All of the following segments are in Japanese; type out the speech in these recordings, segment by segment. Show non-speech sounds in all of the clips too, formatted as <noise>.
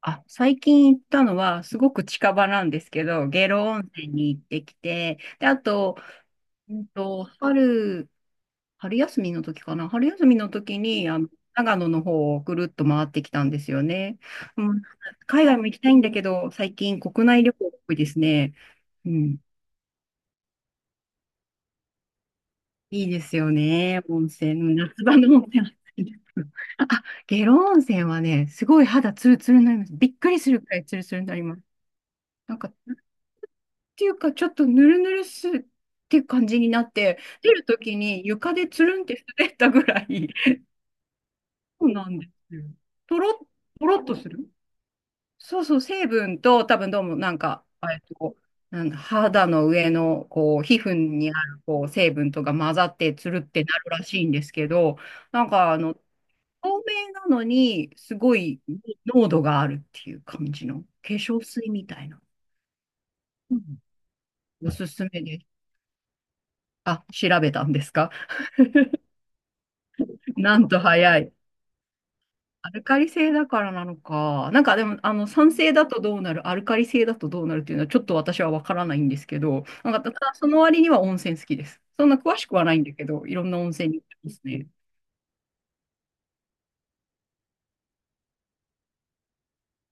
あ、最近行ったのは、すごく近場なんですけど、下呂温泉に行ってきて、で、あと、うんと、春、春休みの時かな、春休みの時に、長野の方をぐるっと回ってきたんですよね。うん、海外も行きたいんだけど、最近国内旅行が多いですね。うん、いいですよね、温泉。夏場の温泉は好きです。<laughs> あ、下呂温泉はね、すごい肌ツルツルになります。びっくりするくらいツルツルになります。なんか、ていうか、ちょっとぬるぬるすって感じになって、出るときに床でつるんって滑ったぐらい、そうなんですよ。とろっ、とろっとする。そうそう、成分と、多分どうもなんか、えっと、なんだ、肌の上の、こう、皮膚にある、こう、成分とか混ざって、つるってなるらしいんですけど、なんか、透明なのに、すごい濃度があるっていう感じの、化粧水みたいな。うん。おすすめです。あ、調べたんですか？なんと早い。アルカリ性だからなのか。なんかでも、酸性だとどうなる、アルカリ性だとどうなるっていうのはちょっと私はわからないんですけど、なんかただその割には温泉好きです。そんな詳しくはないんだけど、いろんな温泉に行ってますね。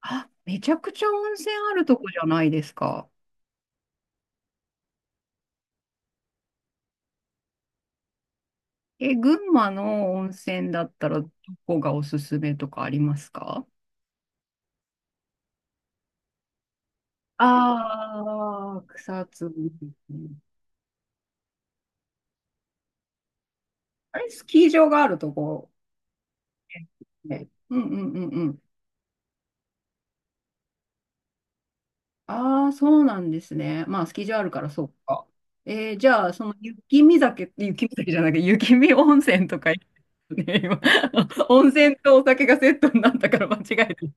あ、めちゃくちゃ温泉あるとこじゃないですか。え、群馬の温泉だったらどこがおすすめとかありますか？ああー、草津。あれ、スキー場があるとこ。ね、うんうんうん、ああ、そうなんですね。まあ、スキー場あるから、そうか。じゃあ、その雪見酒、雪見酒じゃなくて、雪見温泉とか言ってね、今、<laughs> 温泉とお酒がセットになったから間違えて。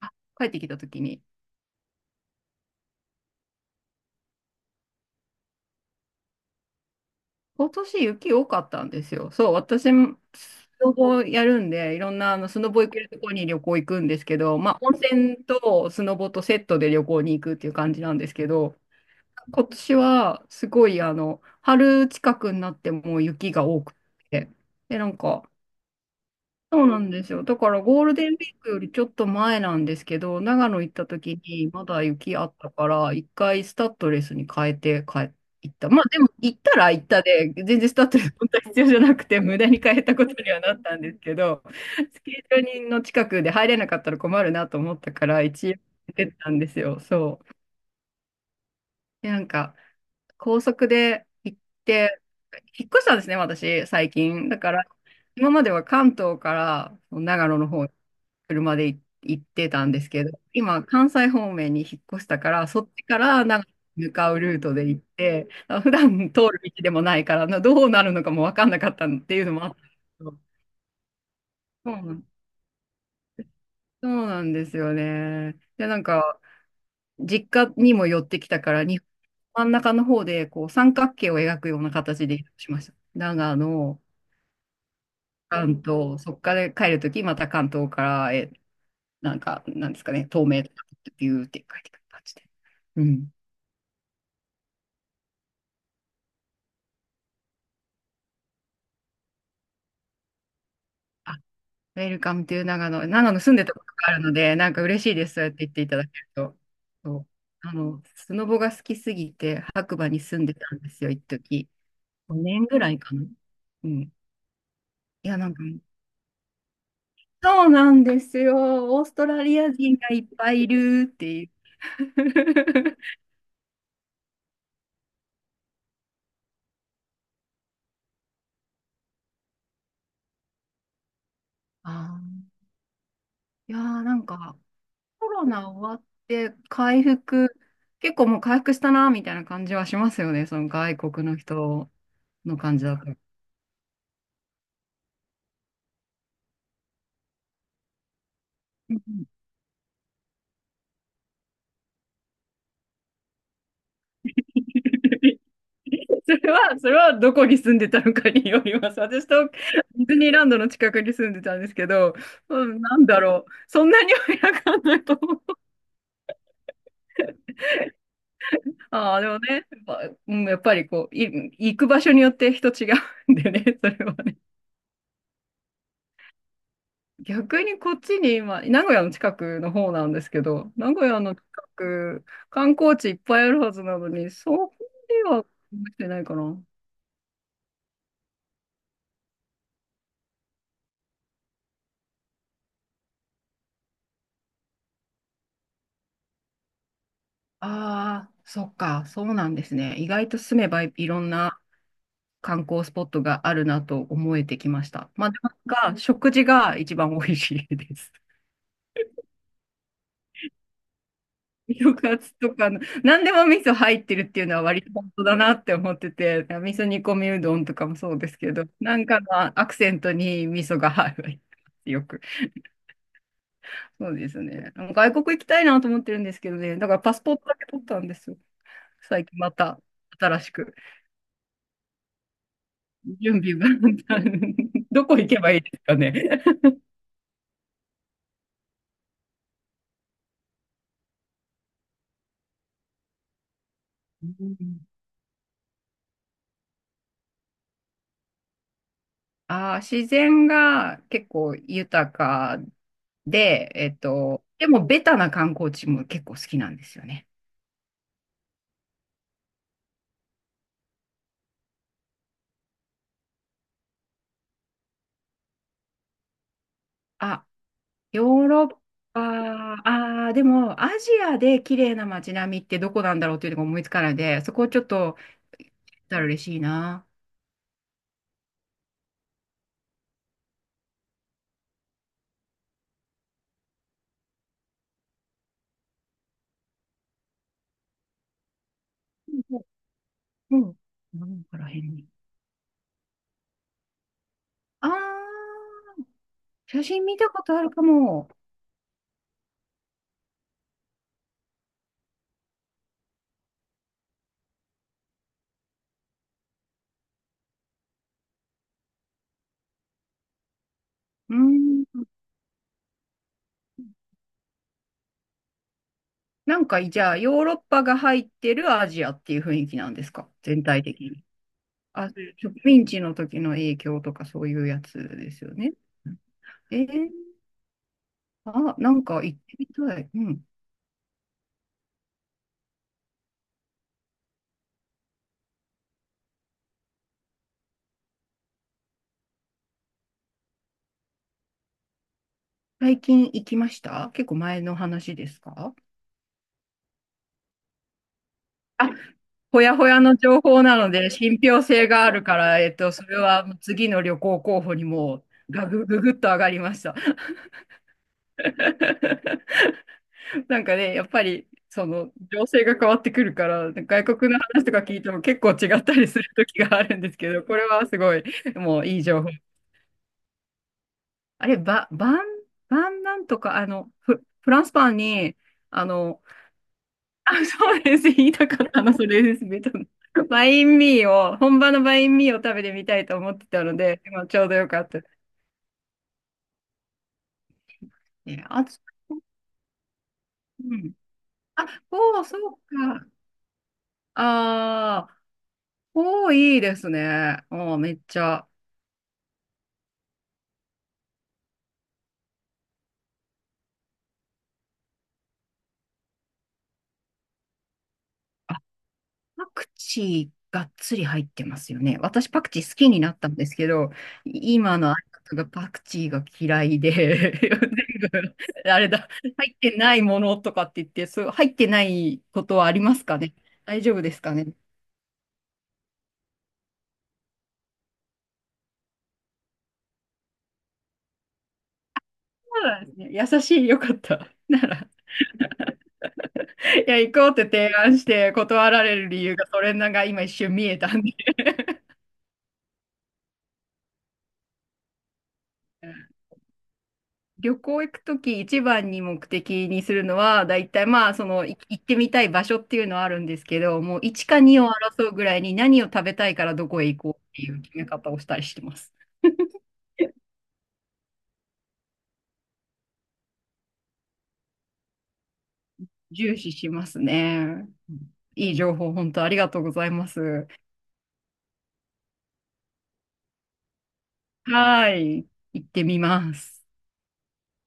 あ、帰ってきたときに、今年雪多かったんですよ。そう、私もスノボやるんで、いろんなスノボ行けるところに旅行行くんですけど、まあ、温泉とスノボとセットで旅行に行くっていう感じなんですけど、今年はすごい春近くになってもう雪が多くて。で、なんか、そうなんですよ。だからゴールデンウィークよりちょっと前なんですけど、長野行った時にまだ雪あったから、一回スタッドレスに変えて行った。まあでも行ったら行ったで、全然スタッドレス本当は必要じゃなくて無駄に変えたことにはなったんですけど、スキー場の近くで入れなかったら困るなと思ったから一応行ってたんですよ。そう。で、なんか、高速で行って、引っ越したんですね、私、最近。だから、今までは関東から長野の方に車で行ってたんですけど、今、関西方面に引っ越したから、そっちから長野に向かうルートで行って、あ、普段通る道でもないから、どうなるのかも分かんなかったっていうのもあったんですけど、そうなんそうなんですよね。で、なんか、実家にも寄ってきたから、真ん中の方でこう三角形を描くような形で移動しました。長野、関東、そこから帰るとき、また関東から、なんか、なんですかね、東名とかビューって帰ってくる感じで。うん。あ、ウェルカムという長野。長野住んでたことがあるので、なんか嬉しいです。そうやって言っていただけると。そう。スノボが好きすぎて、白馬に住んでたんですよ、一時。5年ぐらいかな。うん。いや、なんか、そうなんですよ。オーストラリア人がいっぱいいるっていう。<laughs> あー、いやー、なんか、コロナ終わって回復、結構もう回復したなみたいな感じはしますよね、その外国の人の感じだと。うん。 <laughs> それは、どこに住んでたのかによります。私とディズニーランドの近くに住んでたんですけど、うん、なんだろう、そんなにはいなかったと思う。ああ、でもね、やっぱりこう、行く場所によって人違うんでね、<laughs> それはね。逆にこっちに今、名古屋の近くの方なんですけど、名古屋の近く、観光地いっぱいあるはずなのに、そこではできてないかな。ああ、そっか、そうなんですね。意外と住めばいろんな観光スポットがあるなと思えてきました。まあ、なんか、食事が一番美味しいです。色カツとかの、何でも味噌入ってるっていうのは割と本当だなって思ってて、味噌煮込みうどんとかもそうですけど、なんかのアクセントに味噌が入る。よく。そうですね。外国行きたいなと思ってるんですけどね。だからパスポートだけ取ったんですよ。最近また新しく。準備が <laughs> どこ行けばいいですかね。うん。自然が結構豊かで、でもベタな観光地も結構好きなんですよね。あ、ヨーロッパ、ああ、でも、アジアで綺麗な街並みってどこなんだろうっていうのが思いつかないので、そこをちょっと、たら嬉しいな。うん。うん。ら辺に。ああ、写真見たことあるかも。うん。なんか、じゃあ、ヨーロッパが入ってるアジアっていう雰囲気なんですか？全体的に。あ、そういう植民地の時の影響とかそういうやつですよね。えー、あ、なんか行ってみたい。うん。最近行きました？結構前の話ですか？あ、ほやほやの情報なので、信憑性があるから、それは次の旅行候補にもうググッと上がりました。<laughs> なんかね、やっぱり、その、情勢が変わってくるから、外国の話とか聞いても結構違ったりする時があるんですけど、これはすごい、もういい情報。あれ、ばんなんとか、フランスパンに、あの、あ、そうです。言いたかったの、それです。ベトナム。バインミーを、本場のバインミーを食べてみたいと思ってたので、今ちょうどよかったですね。あと、うん。あ、フォー、そうか。ああ、フォーいいですね。あー、めっちゃ。あ、パクチーがっつり入ってますよね。私パクチー好きになったんですけど、今の相方がパクチーが嫌いで、<laughs> 全部、あれだ、入ってないものとかって言って、そう、入ってないことはありますかね？大丈夫ですかね？ならですね、優しい、よかった。なら、いや、行こうって提案して断られる理由がそれなんか今一瞬見えたんで。旅行行くとき一番に目的にするのは、だいたいまあ、その、行ってみたい場所っていうのはあるんですけど、もう1か2を争うぐらいに何を食べたいからどこへ行こうっていう決め方をしたりしてます。重視しますね。いい情報、本当ありがとうございます。はい。行ってみます。